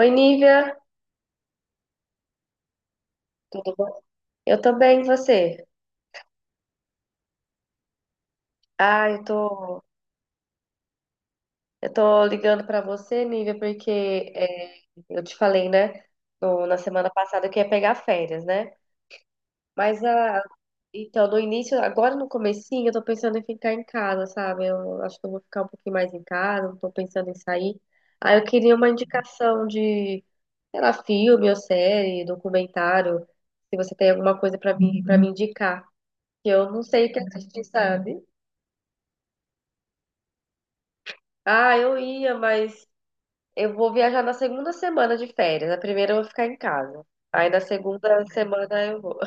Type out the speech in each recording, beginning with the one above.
Oi, Nívia, tudo bom? Eu tô bem, e você? Ah, eu tô ligando pra você, Nívia, porque é, eu te falei, né, na semana passada que ia pegar férias, né? Mas a, então, no início, agora no comecinho, eu tô pensando em ficar em casa, sabe? Eu acho que eu vou ficar um pouquinho mais em casa, não tô pensando em sair. Aí eu queria uma indicação de, sei lá, filme ou série, documentário, se você tem alguma coisa pra mim, para me indicar, que eu não sei o que assistir, sabe? Ah, eu ia, mas eu vou viajar na segunda semana de férias. Na primeira eu vou ficar em casa. Aí na segunda semana eu vou.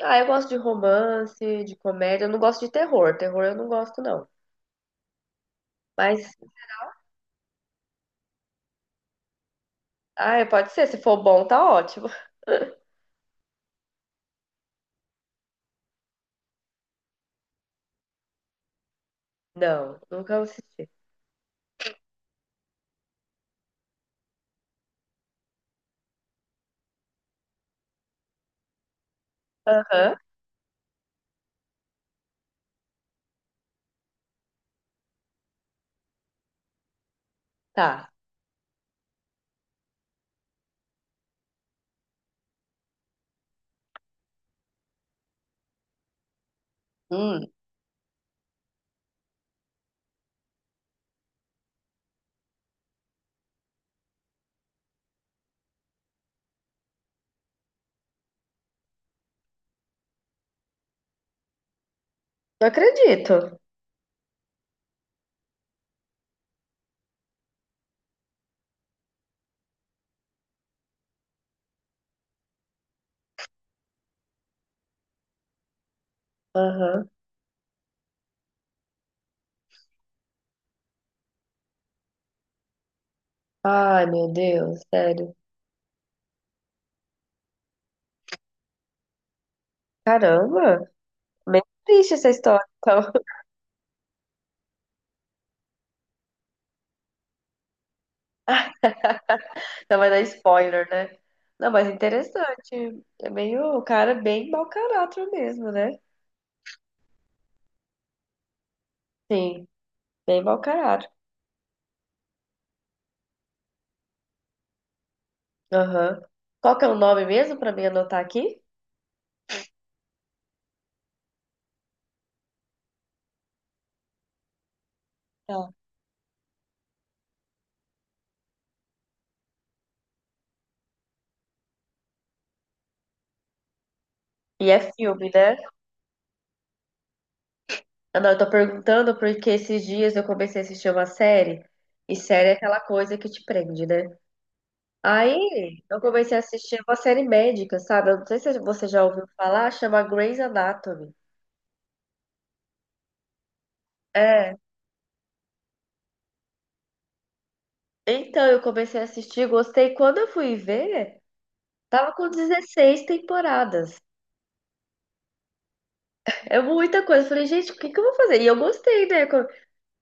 Ah, eu gosto de romance, de comédia. Eu não gosto de terror. Terror eu não gosto, não. Mas, ah, pode ser. Se for bom, tá ótimo. Não, nunca assisti. Aham, tá. Hum, não acredito. Aham. Ai, meu Deus, sério. Caramba, bem triste essa história, então. Então vai dar spoiler, né? Não, mas interessante. É meio, o cara é bem mau caráter mesmo, né? Sim, bem mau caráter. Aham. Qual que é o nome mesmo pra mim anotar aqui? Tá. E é filme, né? Ah, não, eu tô perguntando porque esses dias eu comecei a assistir uma série, e série é aquela coisa que te prende, né? Aí eu comecei a assistir uma série médica, sabe? Eu não sei se você já ouviu falar, chama Grey's Anatomy. É. Então eu comecei a assistir, gostei. Quando eu fui ver. Tava com 16 temporadas. É muita coisa. Eu falei, gente, o que que eu vou fazer? E eu gostei, né?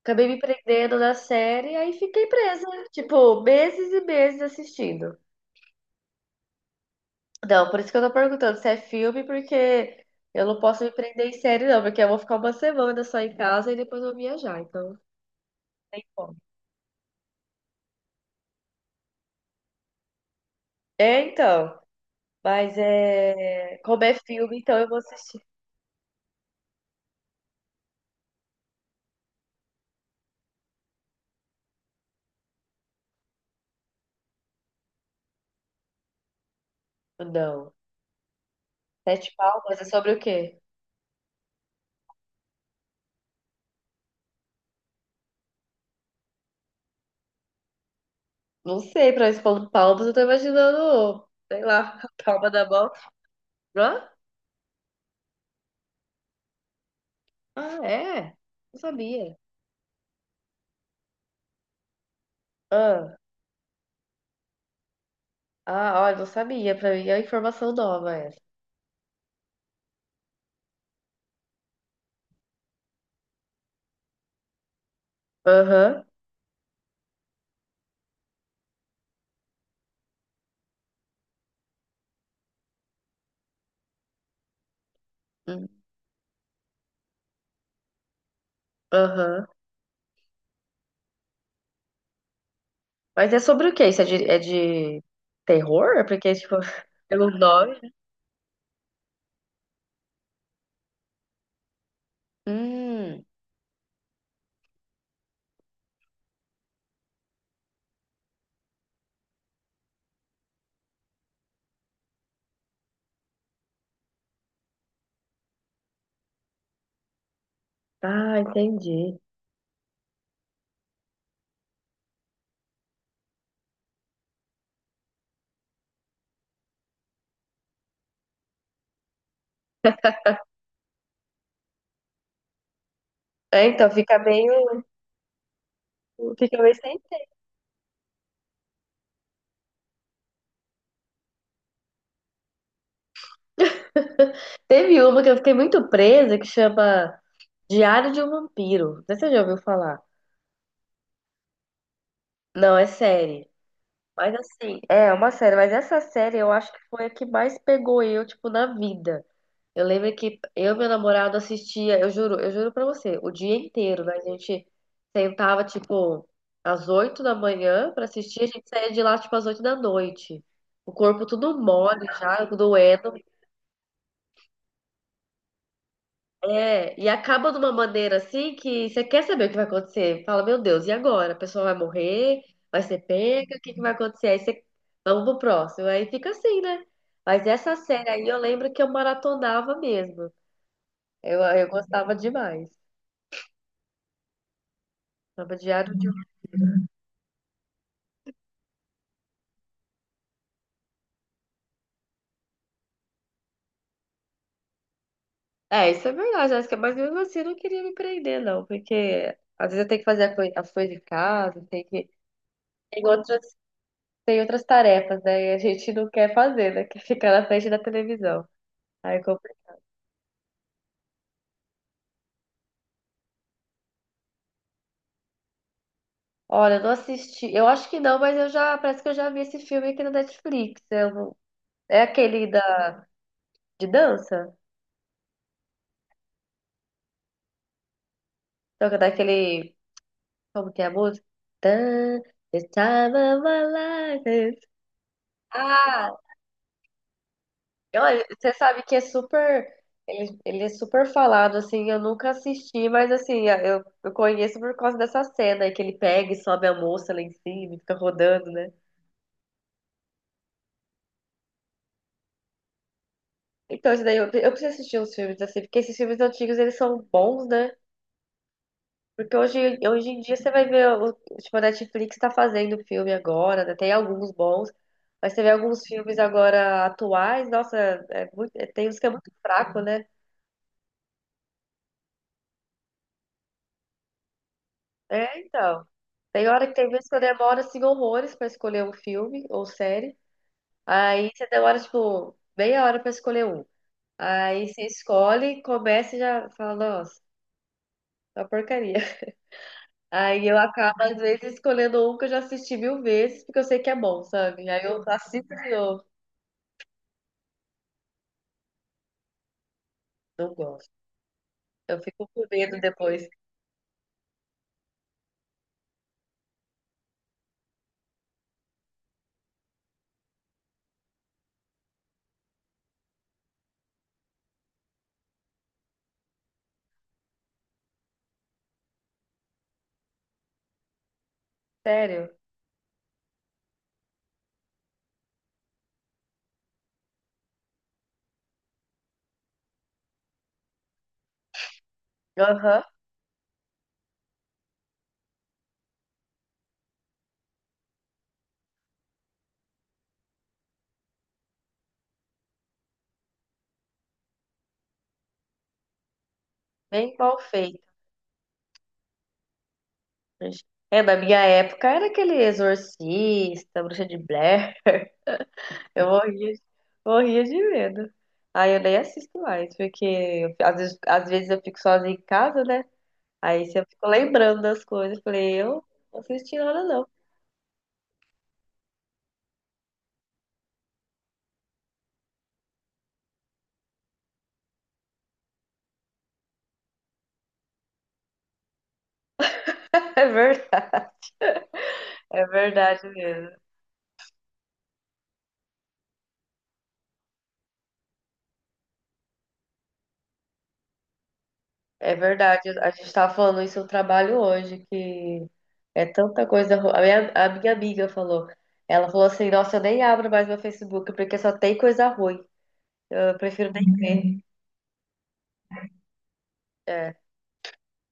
Acabei me prendendo na série, aí fiquei presa. Tipo, meses e meses assistindo. Não, por isso que eu tô perguntando se é filme, porque eu não posso me prender em série, não. Porque eu vou ficar uma semana só em casa e depois vou viajar. Então, não tem como. É, então. Mas é. Como é filme, então eu vou assistir. Não. Sete Palmas é sobre o quê? Não sei, pra expor palmas, eu tô imaginando, sei lá, a palma da mão. Hã? Ah, é? Não sabia. Ah, ah, olha, não sabia. Pra mim é uma informação nova essa. Aham. Hum, aham. Mas é sobre o quê? Isso é de terror? É porque, tipo, pelo nome. Hum. Ah, entendi. É, então fica meio. Fica meio sem. Teve uma que eu fiquei muito presa que chama Diário de um Vampiro. Não sei se você já ouviu falar. Não, é série. Mas assim, é uma série, mas essa série eu acho que foi a que mais pegou eu, tipo, na vida. Eu lembro que eu e meu namorado assistia, eu juro pra você, o dia inteiro, né? A gente sentava, tipo, às 8 da manhã pra assistir, a gente saía de lá, tipo, às oito da noite. O corpo tudo mole já, doendo. É, e acaba de uma maneira assim que você quer saber o que vai acontecer. Fala, meu Deus, e agora? A pessoa vai morrer? Vai ser pega? O que que vai acontecer? Aí você, vamos pro próximo. Aí fica assim, né? Mas essa série aí eu lembro que eu maratonava mesmo. Eu gostava demais. Tava diário de... É, isso é verdade, Jéssica, mas mesmo assim eu não queria me prender, não, porque às vezes eu tenho que fazer a as coisas de casa, tem que... Tem outras, tem outras tarefas, né? E a gente não quer fazer, né? Quer ficar na frente da televisão. Aí, olha, eu não assisti. Eu acho que não, mas eu já parece que eu já vi esse filme aqui na Netflix. Eu não- É aquele da de dança? Então, que é daquele. Como que é a música? Tan, this time of my life is- Ah, olha, você sabe que é super. Ele é super falado, assim. Eu nunca assisti, mas assim, eu conheço por causa dessa cena aí que ele pega e sobe a moça lá em cima e fica rodando, né? Então, isso daí eu preciso assistir uns filmes assim, porque esses filmes antigos eles são bons, né? Porque hoje em dia você vai ver, o, tipo, a Netflix tá fazendo filme agora, né? Tem alguns bons, mas você vê alguns filmes agora atuais, nossa, é muito, tem uns que é muito fraco, né? É, então. Tem hora que tem vezes que eu demoro, assim, horrores pra escolher um filme ou série. Aí você demora, tipo, meia hora pra escolher um. Aí você escolhe, começa e já fala, nossa, é uma porcaria. Aí eu acabo, às vezes, escolhendo um que eu já assisti mil vezes, porque eu sei que é bom, sabe? Aí eu assisto de novo. Não gosto. Eu fico com medo depois. Sério? Aham, bem mal feito. É, na minha época era aquele Exorcista, Bruxa de Blair. Eu morria, morria de medo. Aí eu nem assisto mais, porque eu às vezes eu fico sozinha em casa, né? Aí se eu fica lembrando das coisas. Eu falei, eu não assisti nada, não. É verdade mesmo. É verdade, a gente estava falando isso no trabalho hoje, que é tanta coisa. A minha amiga falou, ela falou assim, nossa, eu nem abro mais meu Facebook porque só tem coisa ruim. Eu prefiro nem ver. É.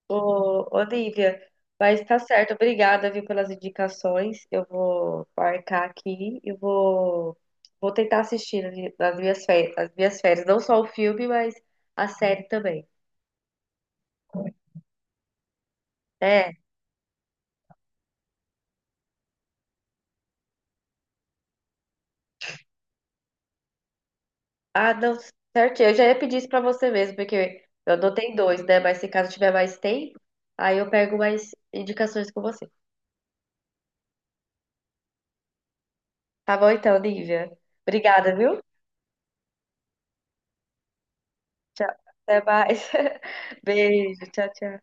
Ô, ô, Nívia, mas tá certo, obrigada, viu, pelas indicações. Eu vou marcar aqui e vou, vou tentar assistir nas minhas férias, não só o filme, mas a série também. É. Ah, não, certinho. Eu já ia pedir isso pra você mesmo, porque eu anotei dois, né? Mas se caso tiver mais tempo, aí eu pego mais indicações com você. Tá bom então, Nívia. Obrigada, viu? Tchau. Até mais. Beijo. Tchau, tchau.